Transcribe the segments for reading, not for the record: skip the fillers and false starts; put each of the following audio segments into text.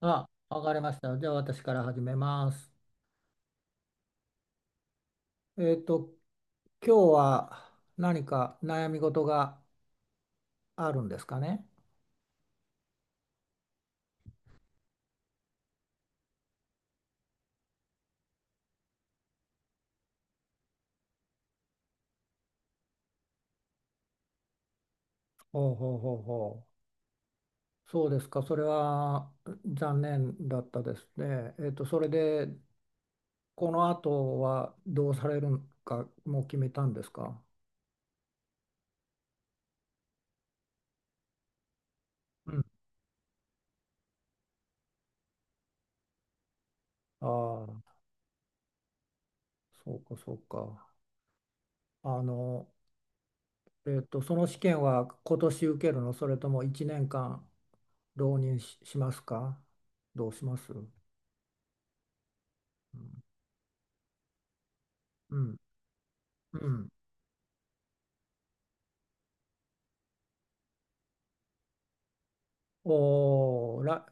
あ、わかりました。じゃあ私から始めます。えっと、今日は何か悩み事があるんですかね。ほうほうほうほう。そうですか。それは残念だったですね。それで、この後はどうされるか、もう決めたんですか。うん。ああ、そうかそうか。あの、その試験は今年受けるの、それとも1年間浪人しますか。どうします。うん、うん、うん。おー、ら、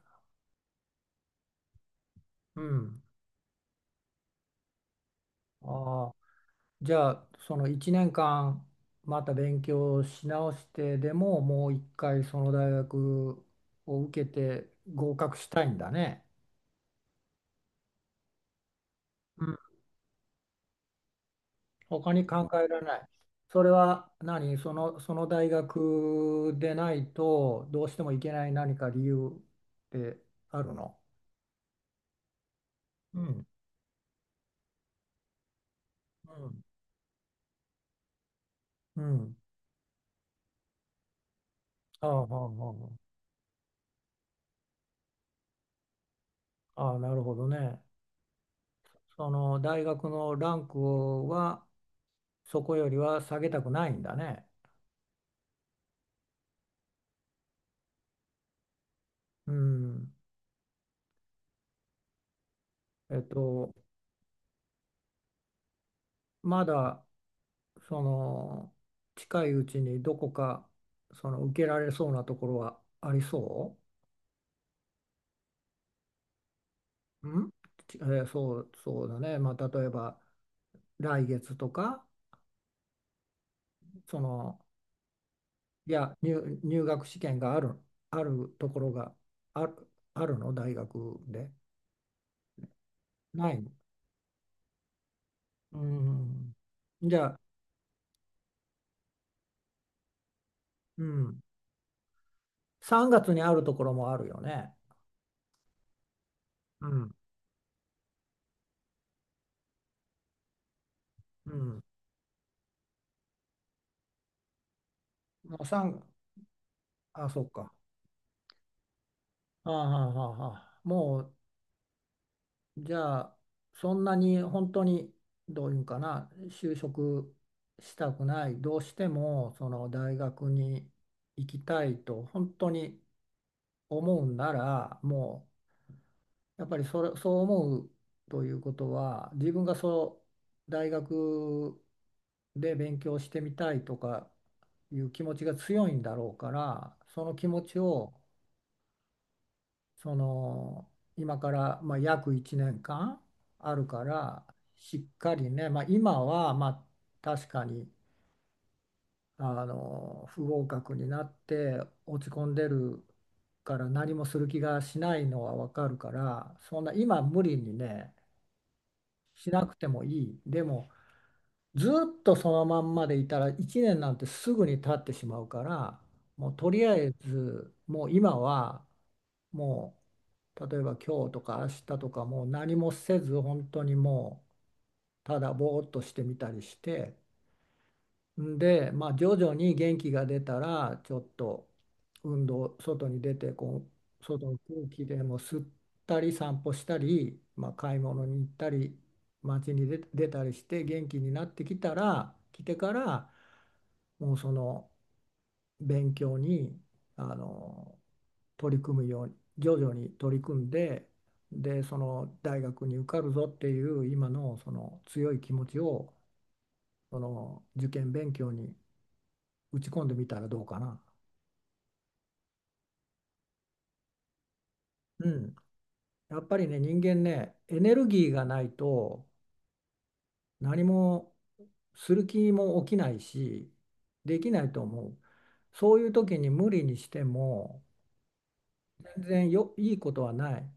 うん。ああ、じゃあ、その1年間、また勉強し直してでも、もう一回その大学を受けて合格したいんだね。うん。他に考えられない。それは何、その大学でないと、どうしてもいけない何か理由ってあるの？うん。うん。うん。ああ、ああ、ああ、ああ、なるほどね。その大学のランクはそこよりは下げたくないんだね。うん。えっと、まだその近いうちにどこかその受けられそうなところはありそう？ん？ちえーそう、そうだね。まあ、例えば来月とか、その、いや、入学試験があるところがある、あるの大学で。ないの。うん。じゃあ、うん。3月にあるところもあるよね。うん。うん。もう3、あ、そっか。ああ、ああ、ああ、もう、じゃあ、そんなに本当に、どういうんかな、就職したくない、どうしても、その大学に行きたいと、本当に思うんなら、やっぱりそれ、そう思うということは、自分がそう大学で勉強してみたいとかいう気持ちが強いんだろうから、その気持ちをその今からまあ約1年間あるから、しっかりね、まあ、今はまあ確かに不合格になって落ち込んでるから何もする気がしないのはわかるから、そんな今無理にねしなくてもいい。でもずっとそのまんまでいたら1年なんてすぐに経ってしまうからもうとりあえずもう今はもう例えば今日とか明日とかもう何もせず本当にもうただぼーっとしてみたりして、で、まあ、徐々に元気が出たらちょっと運動外に出てこう外の空気でも吸ったり散歩したり、まあ、買い物に行ったり街に出たりして元気になってきたら来てからもうその勉強にあの取り組むように徐々に取り組んで、でその大学に受かるぞっていう今のその強い気持ちをその受験勉強に打ち込んでみたらどうかな。うん。やっぱりね、人間ね、エネルギーがないと何もする気も起きないし、できないと思う。そういう時に無理にしても全然よ、いいことはない。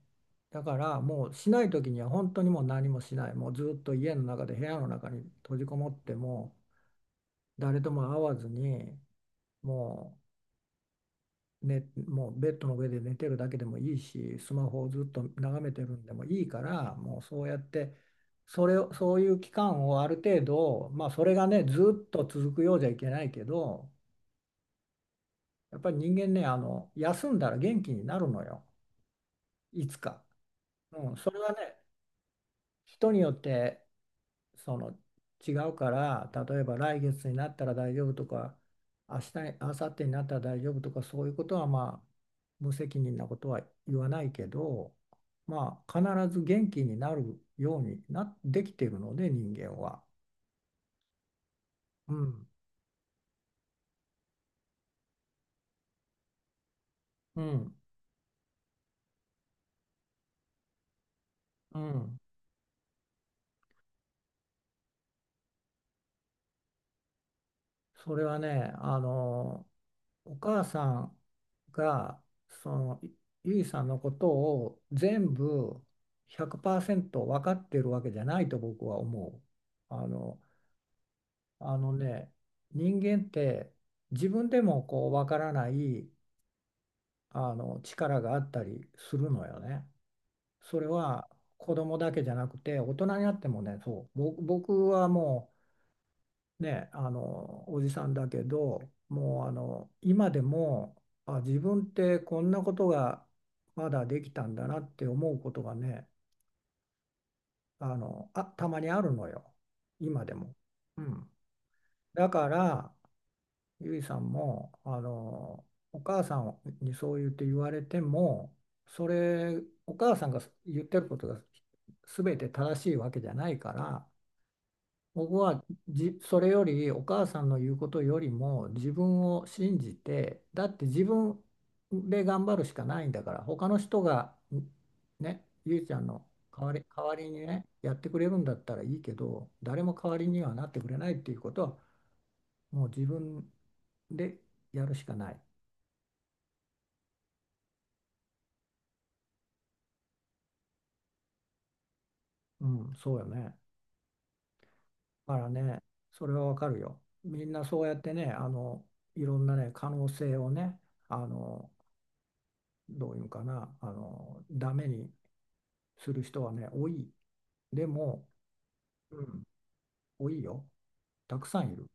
だからもうしない時には本当にもう何もしない。もうずっと家の中で部屋の中に閉じこもっても誰とも会わずにもね、もうベッドの上で寝てるだけでもいいし、スマホをずっと眺めてるんでもいいから、もうそうやって、それを、そういう期間をある程度、まあそれがね、ずっと続くようじゃいけないけど、やっぱり人間ね、休んだら元気になるのよ、いつか。うん、それはね、人によってその違うから例えば来月になったら大丈夫とか明日に明後日になったら大丈夫とかそういうことはまあ無責任なことは言わないけどまあ必ず元気になるようになできてるので人間は。うん、うん、うん、それはねお母さんがそのゆいさんのことを全部100%分かってるわけじゃないと僕は思う。あのね人間って自分でもこう分からない力があったりするのよね。それは子供だけじゃなくて大人になってもねそう僕はもうね、おじさんだけどもう今でも自分ってこんなことがまだできたんだなって思うことがねあたまにあるのよ今でも。うん、だからゆいさんもお母さんにそう言われてもそれお母さんが言ってることが全て正しいわけじゃないから僕はそれよりお母さんの言うことよりも自分を信じてだって自分で頑張るしかないんだから他の人がねゆいちゃんの代わりにねやってくれるんだったらいいけど誰も代わりにはなってくれないっていうことはもう自分でやるしかない。うん、そうよね。だからねそれはわかるよ。みんなそうやってねいろんなね可能性をねあのどういうのかな、ダメにする人はね、多い。でも、うん、多いよ。たくさんいる。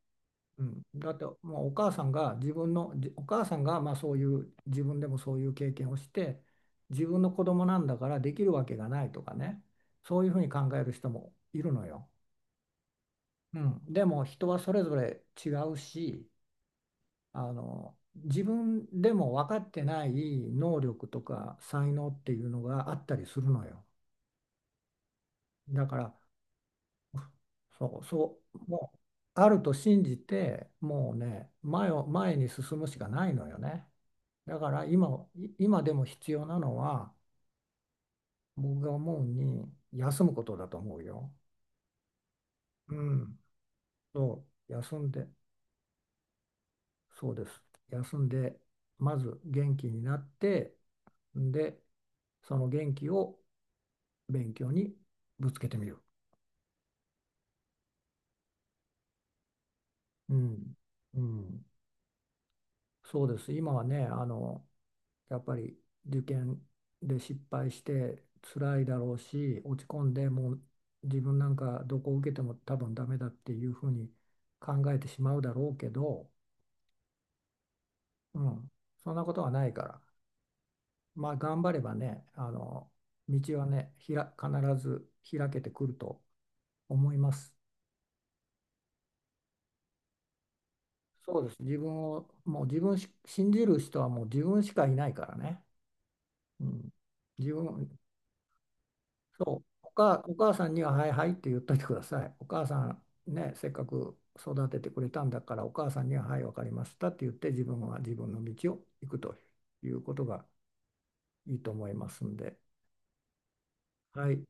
うん、だってもうお母さんが自分のじお母さんがまあそういう自分でもそういう経験をして自分の子供なんだからできるわけがないとかねそういうふうに考える人もいるのよ。うん、でも人はそれぞれ違うし自分でも分かってない能力とか才能っていうのがあったりするのよ。だからそう、そう、もうあると信じて、もうね、前に進むしかないのよね。だから今でも必要なのは、僕が思うに、休むことだと思うよ。うん、そう、休んで、そうです。休んで、まず元気になって、んで、その元気を勉強にぶつけてみる。うん、うん、そうです。今はね、やっぱり受験で失敗して辛いだろうし落ち込んでもう自分なんかどこを受けても多分ダメだっていうふうに考えてしまうだろうけど、うん、そんなことはないからまあ頑張ればね道はね必ず開けてくると思います。そうです自分をもう自分し信じる人はもう自分しかいないからね、うん、自分そう、お母さんには「はいはい」って言っといてください。お母さんね、せっかく育ててくれたんだから、お母さんには「はい、わかりました」って言って、自分は自分の道を行くということがいいと思いますんで、はい。